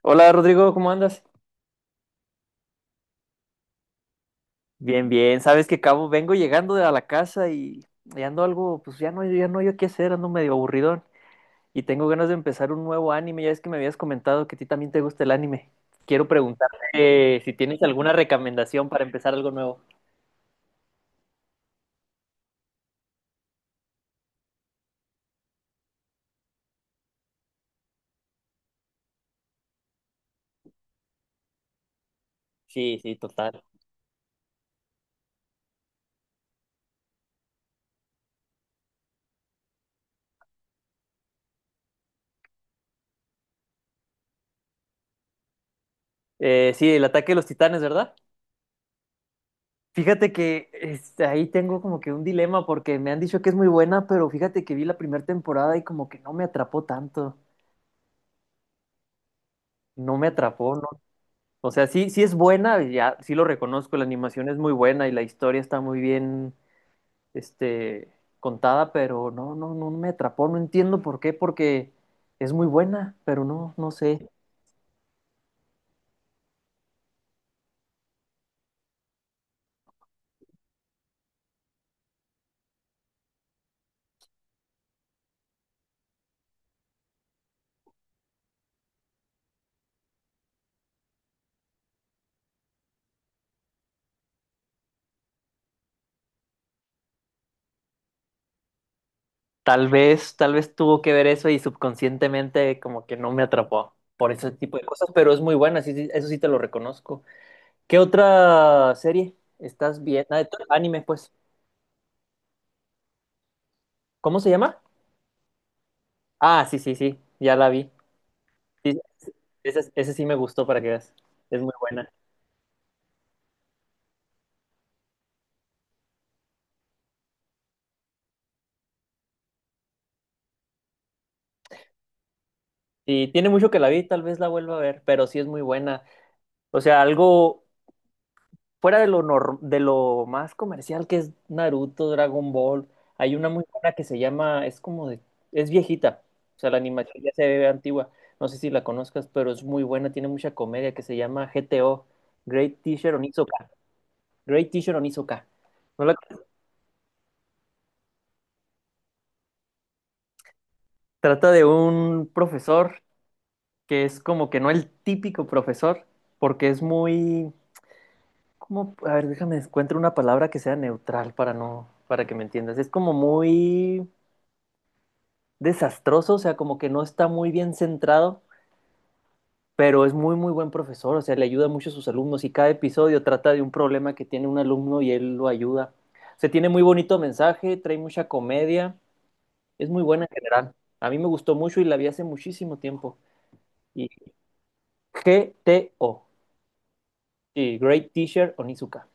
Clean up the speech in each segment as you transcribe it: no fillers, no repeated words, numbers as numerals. Hola Rodrigo, ¿cómo andas? Bien, bien. Sabes que cabo, vengo llegando de a la casa y ando algo, pues ya no yo qué hacer, ando medio aburridón y tengo ganas de empezar un nuevo anime. Ya es que me habías comentado que a ti también te gusta el anime. Quiero preguntarte si tienes alguna recomendación para empezar algo nuevo. Sí, sí, total. Sí, el ataque de los titanes, ¿verdad? Fíjate que este, ahí tengo como que un dilema porque me han dicho que es muy buena, pero fíjate que vi la primera temporada y como que no me atrapó tanto. No me atrapó. O sea, sí, sí es buena, ya, sí lo reconozco, la animación es muy buena y la historia está muy bien, este, contada, pero no me atrapó, no entiendo por qué, porque es muy buena, pero no, no sé. Tal vez tuvo que ver eso y subconscientemente como que no me atrapó por ese tipo de cosas, pero es muy buena, sí, sí, eso sí te lo reconozco. ¿Qué otra serie estás viendo? Ah, de anime, pues. ¿Cómo se llama? Ah, sí, sí, sí, ya la vi. Sí, ese sí me gustó para que veas. Es muy buena. Y tiene mucho que la vi, tal vez la vuelva a ver, pero sí es muy buena. O sea, algo fuera de lo, de lo más comercial que es Naruto, Dragon Ball. Hay una muy buena que se llama, es como de, es viejita. O sea, la animación ya se ve antigua. No sé si la conozcas, pero es muy buena, tiene mucha comedia, que se llama GTO, Great Teacher Onizuka. Great Teacher Onizuka. ¿No la- Trata de un profesor que es como que no el típico profesor, porque es muy, como, a ver, déjame encuentro una palabra que sea neutral para no, para que me entiendas. Es como muy desastroso, o sea, como que no está muy bien centrado, pero es muy, muy buen profesor, o sea, le ayuda mucho a sus alumnos y cada episodio trata de un problema que tiene un alumno y él lo ayuda. Se tiene muy bonito mensaje, trae mucha comedia, es muy buena en general. A mí me gustó mucho y la vi hace muchísimo tiempo. Y G T O y Great Teacher Onizuka.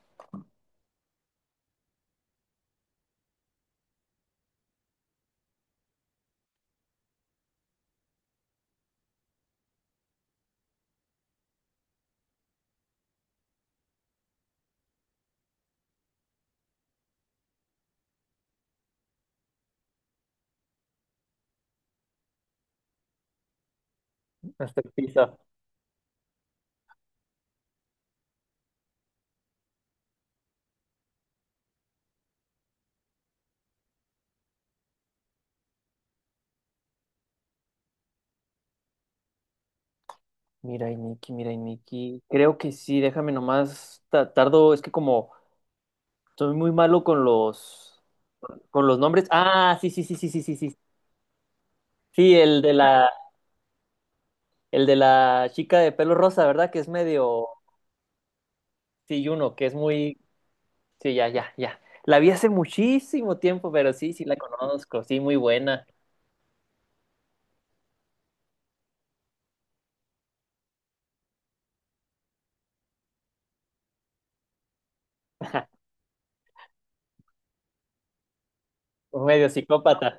Hasta el piso. Mira, y Nicky, mira, y Nicky. Creo que sí, déjame nomás. Tardo, es que como soy muy malo con los nombres. Ah, sí, sí, sí, sí, sí, sí, sí. Sí, el de la chica de pelo rosa, ¿verdad? Que es medio sí, uno, que es muy. Sí, ya, ya, ya. La vi hace muchísimo tiempo, pero sí, sí la conozco. Sí, muy buena. Un medio psicópata.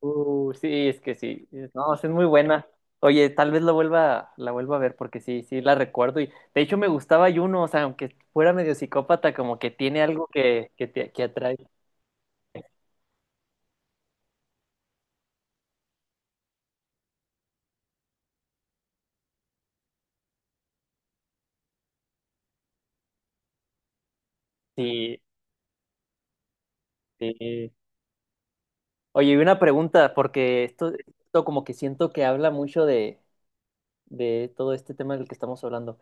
Sí, es que sí. No, sí es muy buena. Oye, tal vez la vuelva a ver porque sí, sí la recuerdo. Y de hecho me gustaba Juno, o sea, aunque fuera medio psicópata, como que tiene algo que te que atrae. Sí, sí. Oye, y una pregunta, porque esto como que siento que habla mucho de todo este tema del que estamos hablando.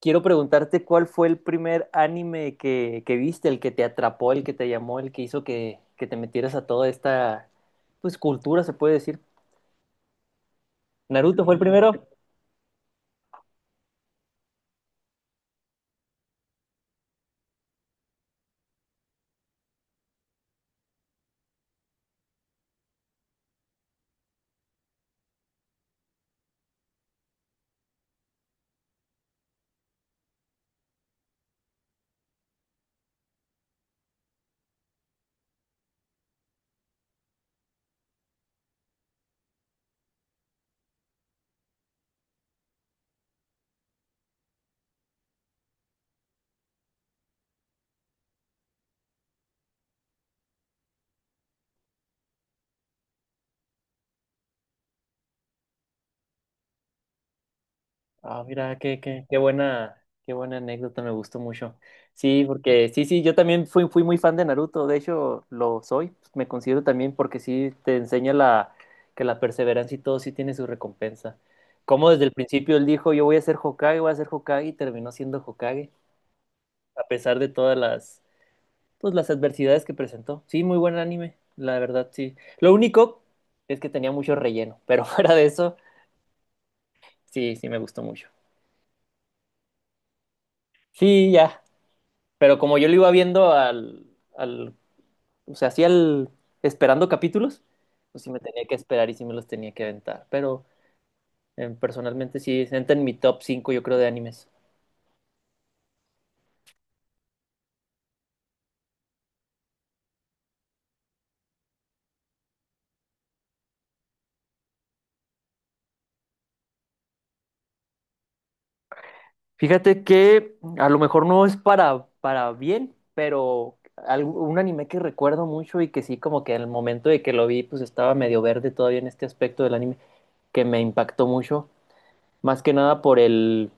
Quiero preguntarte cuál fue el primer anime que viste, el que te atrapó, el que te llamó, el que hizo que te metieras a toda esta, pues, cultura, se puede decir. ¿Naruto fue el primero? Ah, mira, qué buena anécdota, me gustó mucho. Sí, porque sí, sí, yo también fui muy fan de Naruto, de hecho lo soy, me considero también porque sí te enseña que la perseverancia y todo sí tiene su recompensa. Como desde el principio él dijo, yo voy a ser Hokage, voy a ser Hokage y terminó siendo Hokage, a pesar de todas las, pues, las adversidades que presentó. Sí, muy buen anime, la verdad, sí. Lo único es que tenía mucho relleno, pero fuera de eso, sí, sí me gustó mucho. Sí, ya. Pero como yo lo iba viendo al, o sea, así al, esperando capítulos, pues sí me tenía que esperar y sí me los tenía que aventar. Pero personalmente sí, entra en mi top 5 yo creo, de animes. Fíjate que a lo mejor no es para bien, pero un anime que recuerdo mucho y que sí, como que en el momento de que lo vi, pues estaba medio verde todavía en este aspecto del anime, que me impactó mucho, más que nada por el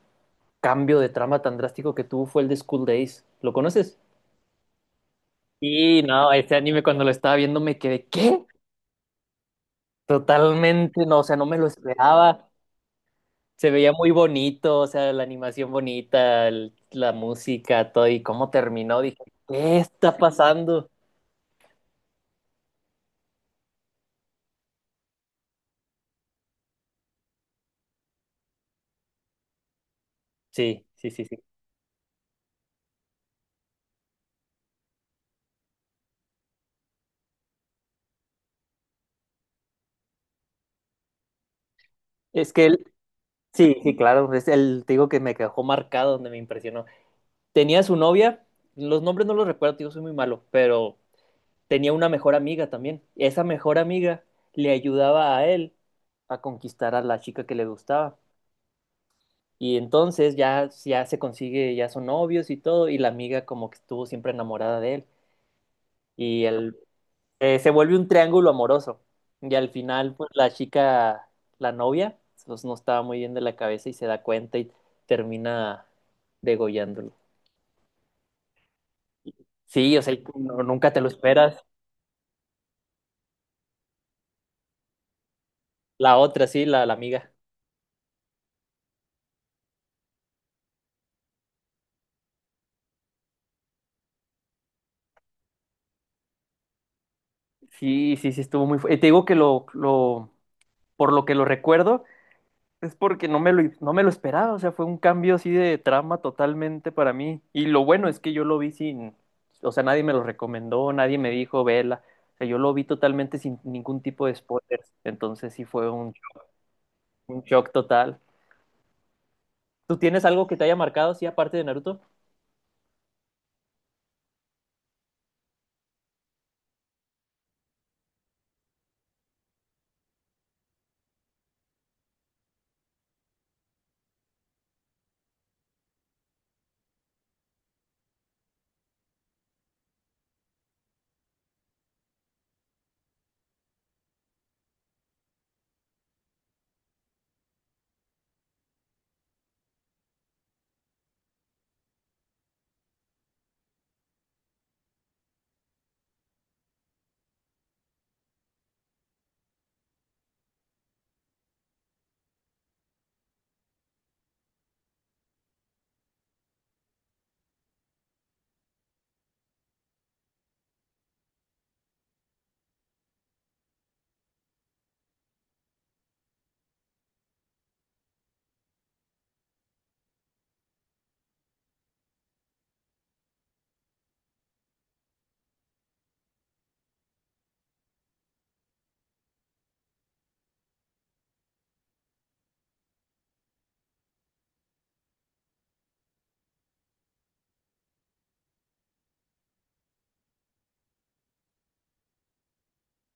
cambio de trama tan drástico que tuvo fue el de School Days. ¿Lo conoces? Y no, ese anime cuando lo estaba viendo me quedé, ¿qué? Totalmente, no, o sea, no me lo esperaba. Se veía muy bonito, o sea, la animación bonita, la música, todo, y cómo terminó, dije, ¿qué está pasando? Sí, sí, sí, sí. Es que él, sí, sí, claro, es el, te digo que me dejó marcado donde me impresionó. Tenía su novia, los nombres no los recuerdo, tío, soy muy malo, pero tenía una mejor amiga también. Esa mejor amiga le ayudaba a él a conquistar a la chica que le gustaba. Y entonces ya, ya se consigue, ya son novios y todo, y la amiga como que estuvo siempre enamorada de él. Y él se vuelve un triángulo amoroso. Y al final, pues la chica, la novia, pues, no estaba muy bien de la cabeza y se da cuenta y termina degollándolo. Sí, o sea, nunca te lo esperas. La otra, sí, la amiga. Sí, sí, sí, estuvo muy fuerte. Te digo que por lo que lo recuerdo, es porque no me no me lo esperaba, o sea, fue un cambio así de trama totalmente para mí. Y lo bueno es que yo lo vi sin, o sea, nadie me lo recomendó, nadie me dijo, vela. O sea, yo lo vi totalmente sin ningún tipo de spoilers. Entonces sí fue un shock total. ¿Tú tienes algo que te haya marcado, sí, aparte de Naruto?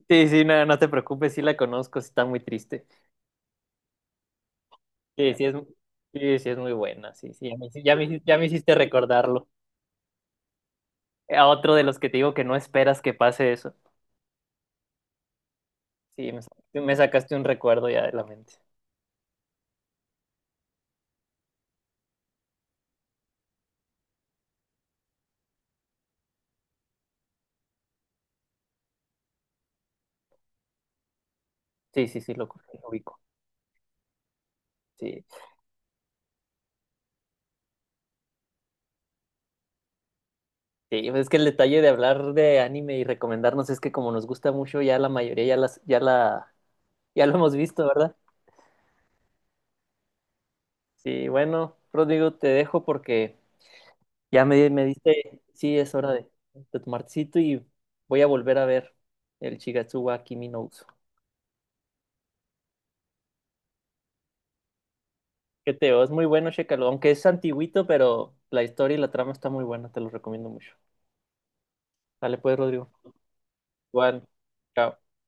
Sí, sí, no, no te preocupes, sí la conozco, sí está muy triste. Sí, sí es, sí, sí es muy buena, sí, sí, ya me, ya me hiciste recordarlo. A otro de los que te digo que no esperas que pase eso. Sí, me, me sacaste un recuerdo ya de la mente. Sí, sí, sí, lo ubico. Sí, sí, pues es que el detalle de hablar de anime y recomendarnos es que como nos gusta mucho, ya la mayoría ya la, ya lo hemos visto, ¿verdad? Sí, bueno, Rodrigo, te dejo porque ya me diste, sí, es hora de tomarcito y voy a volver a ver el Shigatsuwa Kimi no Uso. Que teo, es muy bueno, chécalo, aunque es antiguito, pero la historia y la trama está muy buena, te lo recomiendo mucho. Dale pues, Rodrigo. Igual, chao.